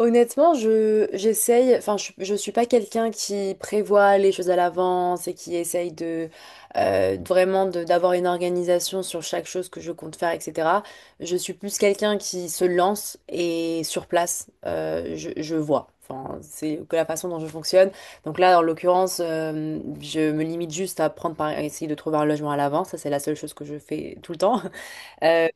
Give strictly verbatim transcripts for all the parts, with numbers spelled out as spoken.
Honnêtement, je j'essaye, enfin je, je suis pas quelqu'un qui prévoit les choses à l'avance et qui essaye de euh, vraiment de- d'avoir une organisation sur chaque chose que je compte faire, et cætera. Je suis plus quelqu'un qui se lance et sur place, euh, je, je vois. Enfin, c'est que la façon dont je fonctionne. Donc là, en l'occurrence, euh, je me limite juste à prendre par, à essayer de trouver un logement à l'avance. Ça, c'est la seule chose que je fais tout le temps. Euh,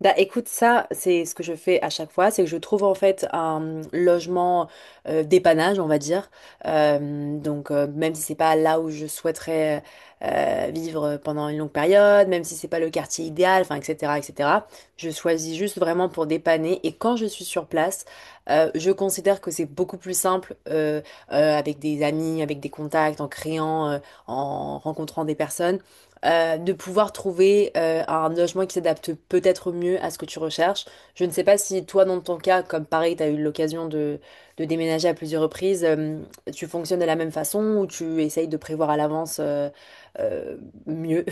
Bah écoute, ça, c'est ce que je fais à chaque fois, c'est que je trouve en fait un logement euh, dépannage, on va dire. Euh, donc euh, même si c'est pas là où je souhaiterais euh, vivre pendant une longue période, même si c'est pas le quartier idéal, enfin et cætera et cætera. Je choisis juste vraiment pour dépanner. Et quand je suis sur place, euh, je considère que c'est beaucoup plus simple euh, euh, avec des amis, avec des contacts, en créant, euh, en rencontrant des personnes euh, de pouvoir trouver euh, un logement qui s'adapte peut-être mieux à ce que tu recherches. Je ne sais pas si toi, dans ton cas, comme pareil, tu as eu l'occasion de, de déménager à plusieurs reprises, euh, tu fonctionnes de la même façon ou tu essayes de prévoir à l'avance euh, euh, mieux.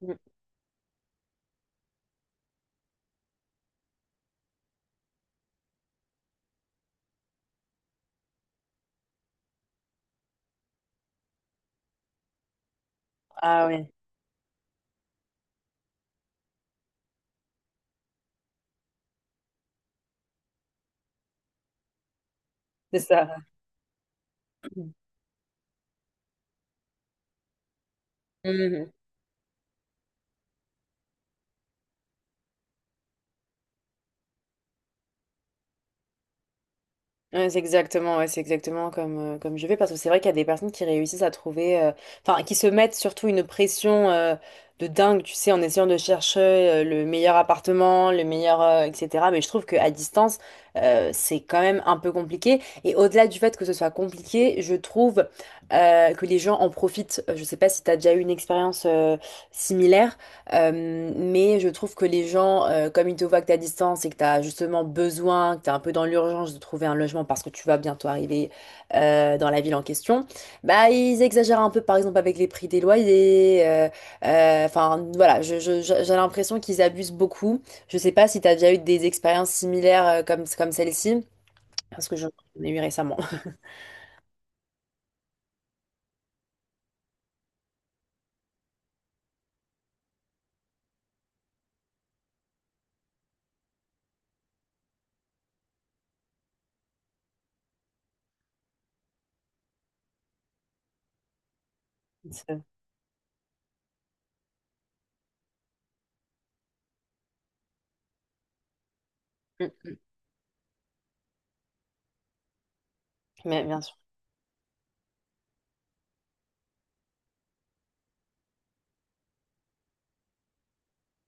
Ah ouais, c'est ça. Mhm. Ouais, c'est exactement, ouais, c'est exactement comme, euh, comme je vais parce que c'est vrai qu'il y a des personnes qui réussissent à trouver, euh, enfin, qui se mettent surtout une pression euh, de dingue, tu sais, en essayant de chercher euh, le meilleur appartement, le meilleur, euh, et cætera. Mais je trouve qu'à distance, euh, c'est quand même un peu compliqué. Et au-delà du fait que ce soit compliqué, je trouve euh, que les gens en profitent. Euh, Je sais pas si tu as déjà eu une expérience euh, similaire, euh, mais je trouve que les gens, euh, comme ils te voient que tu à distance et que tu as justement besoin, que tu es un peu dans l'urgence de trouver un logement parce que tu vas bientôt arriver euh, dans la ville en question, bah ils exagèrent un peu par exemple avec les prix des loyers. euh, euh, Enfin voilà, je- je- je- j'ai l'impression qu'ils abusent beaucoup. Je sais pas si tu as déjà eu des expériences similaires euh, comme, comme celle-ci, parce que j'en ai eu récemment. Mm, mm. Mais bien sûr.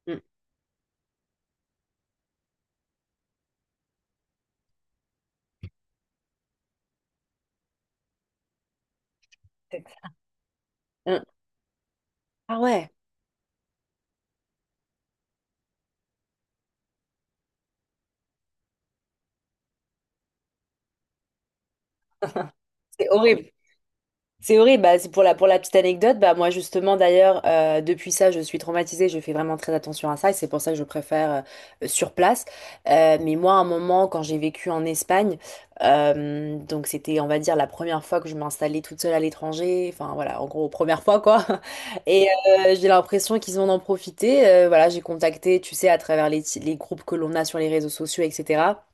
Mm. Mm. Ah ouais, c'est horrible. C'est horrible. Bah, c'est pour la, pour la petite anecdote, bah, moi justement d'ailleurs, euh, depuis ça, je suis traumatisée, je fais vraiment très attention à ça et c'est pour ça que je préfère euh, sur place. Euh, mais moi, à un moment, quand j'ai vécu en Espagne, euh, donc c'était, on va dire, la première fois que je m'installais toute seule à l'étranger, enfin voilà, en gros, première fois quoi. Et euh, j'ai l'impression qu'ils ont en profité. Euh, voilà, j'ai contacté, tu sais, à travers les, les groupes que l'on a sur les réseaux sociaux, et cætera.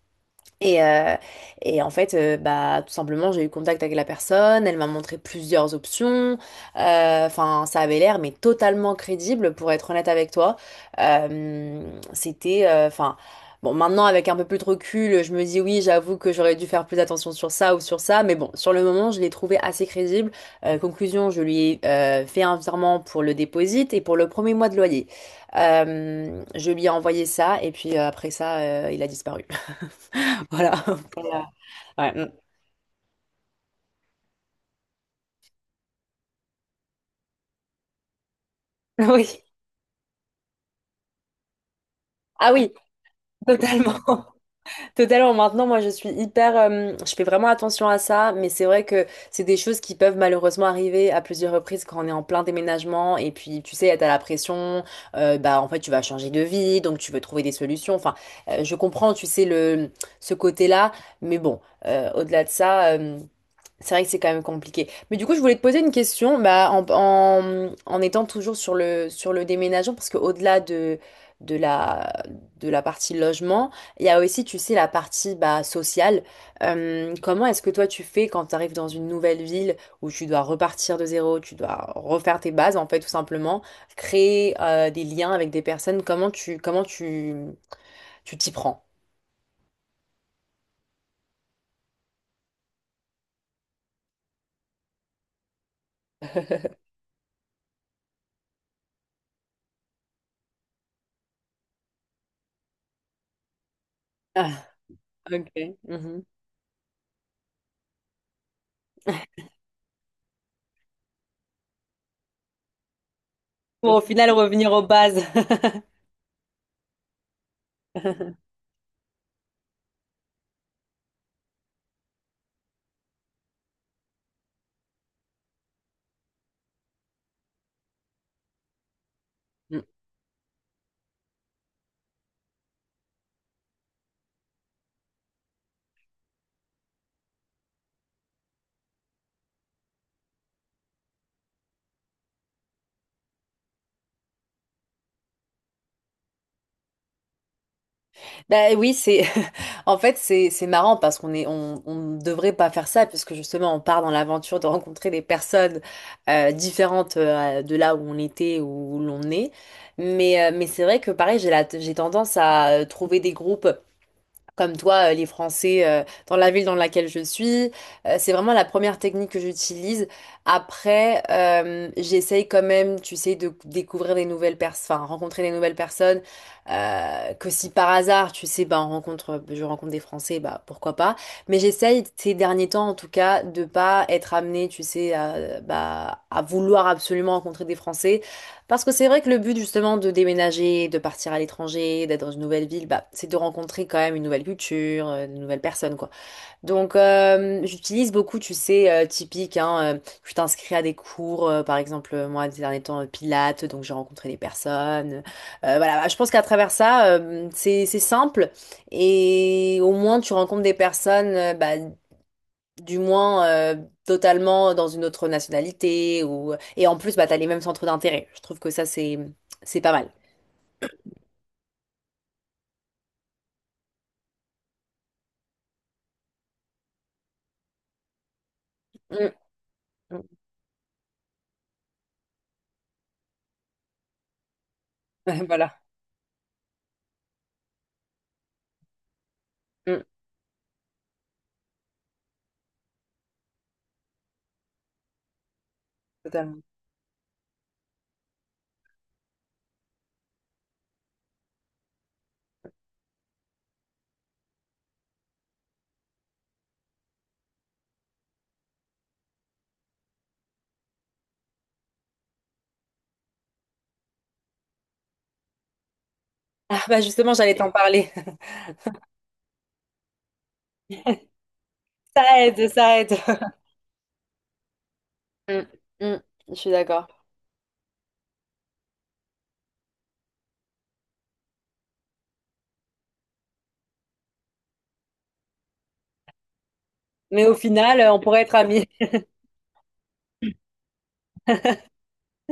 Et, euh, et en fait, euh, bah, tout simplement, j'ai eu contact avec la personne, elle m'a montré plusieurs options. Euh, Enfin, ça avait l'air, mais totalement crédible, pour être honnête avec toi. Euh, c'était, euh, enfin, bon, maintenant, avec un peu plus de recul, je me dis oui, j'avoue que j'aurais dû faire plus attention sur ça ou sur ça, mais bon, sur le moment, je l'ai trouvé assez crédible. Euh, conclusion, je lui ai euh, fait un virement pour le déposit et pour le premier mois de loyer. Euh, je lui ai envoyé ça, et puis euh, après ça, euh, il a disparu. Voilà. Voilà. Ouais, mm. Oui. Ah oui, totalement. Totalement. Maintenant, moi, je suis hyper... euh, je fais vraiment attention à ça, mais c'est vrai que c'est des choses qui peuvent malheureusement arriver à plusieurs reprises quand on est en plein déménagement. Et puis, tu sais, t'as la pression. Euh, bah, en fait, tu vas changer de vie, donc tu veux trouver des solutions. Enfin, euh, je comprends, tu sais, le, ce côté-là. Mais bon, euh, au-delà de ça... euh, c'est vrai que c'est quand même compliqué. Mais du coup, je voulais te poser une question, bah, en, en, en étant toujours sur le, sur le déménagement, parce qu'au-delà de, de la, de la partie logement, il y a aussi, tu sais, la partie bah, sociale. Euh, comment est-ce que toi, tu fais quand tu arrives dans une nouvelle ville où tu dois repartir de zéro, tu dois refaire tes bases, en fait, tout simplement, créer euh, des liens avec des personnes, comment tu, comment tu, tu t'y prends? Ah, ok. Mhm. Pour au final revenir aux bases. Mm. Bah oui, c'est en fait c'est c'est marrant parce qu'on est on on ne devrait pas faire ça puisque justement on part dans l'aventure de rencontrer des personnes euh, différentes euh, de là où on était ou où l'on est. Mais euh, mais c'est vrai que pareil, j'ai la j'ai tendance à euh, trouver des groupes. Comme toi, euh, les Français, euh, dans la ville dans laquelle je suis. Euh, c'est vraiment la première technique que j'utilise. Après, euh, j'essaye quand même, tu sais, de découvrir des nouvelles personnes, enfin, rencontrer des nouvelles personnes. Euh, que si par hasard, tu sais, ben, on rencontre, je rencontre des Français, bah, pourquoi pas. Mais j'essaye ces derniers temps, en tout cas, de pas être amenée, tu sais, à, bah, à vouloir absolument rencontrer des Français. Parce que c'est vrai que le but justement de déménager, de partir à l'étranger, d'être dans une nouvelle ville, bah, c'est de rencontrer quand même une nouvelle culture, euh, de nouvelles personnes quoi. Donc euh, j'utilise beaucoup, tu sais, euh, typique, hein, euh, je t'inscris à des cours, euh, par exemple euh, moi ces derniers temps euh, Pilates, donc j'ai rencontré des personnes. Euh, voilà, bah, je pense qu'à travers ça, euh, c'est c'est simple et au moins tu rencontres des personnes, euh, bah, du moins euh, totalement dans une autre nationalité ou et en plus bah t'as les mêmes centres d'intérêt. Je trouve que ça c'est c'est pas mal. Mm, mm. Voilà. Mm, totalement. Ah bah justement j'allais t'en parler. Ça aide, ça aide. Mm, mm, je suis d'accord. Mais au final, euh, on pourrait être amis.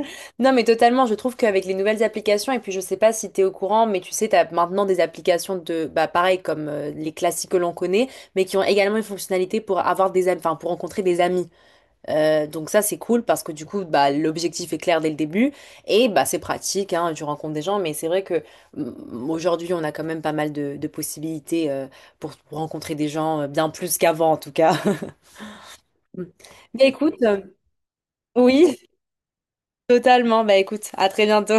Non, mais totalement, je trouve qu'avec les nouvelles applications, et puis je sais pas si t'es au courant, mais tu sais, t'as maintenant des applications de, bah pareil, comme euh, les classiques que l'on connaît, mais qui ont également une fonctionnalité pour avoir des amis, enfin, pour rencontrer des amis. Euh, donc ça c'est cool parce que du coup bah, l'objectif est clair dès le début et bah, c'est pratique, hein, tu rencontres des gens mais c'est vrai que mm, aujourd'hui on a quand même pas mal de, de possibilités euh, pour, pour rencontrer des gens euh, bien plus qu'avant en tout cas. Mais écoute, euh, oui, totalement, bah écoute, à très bientôt.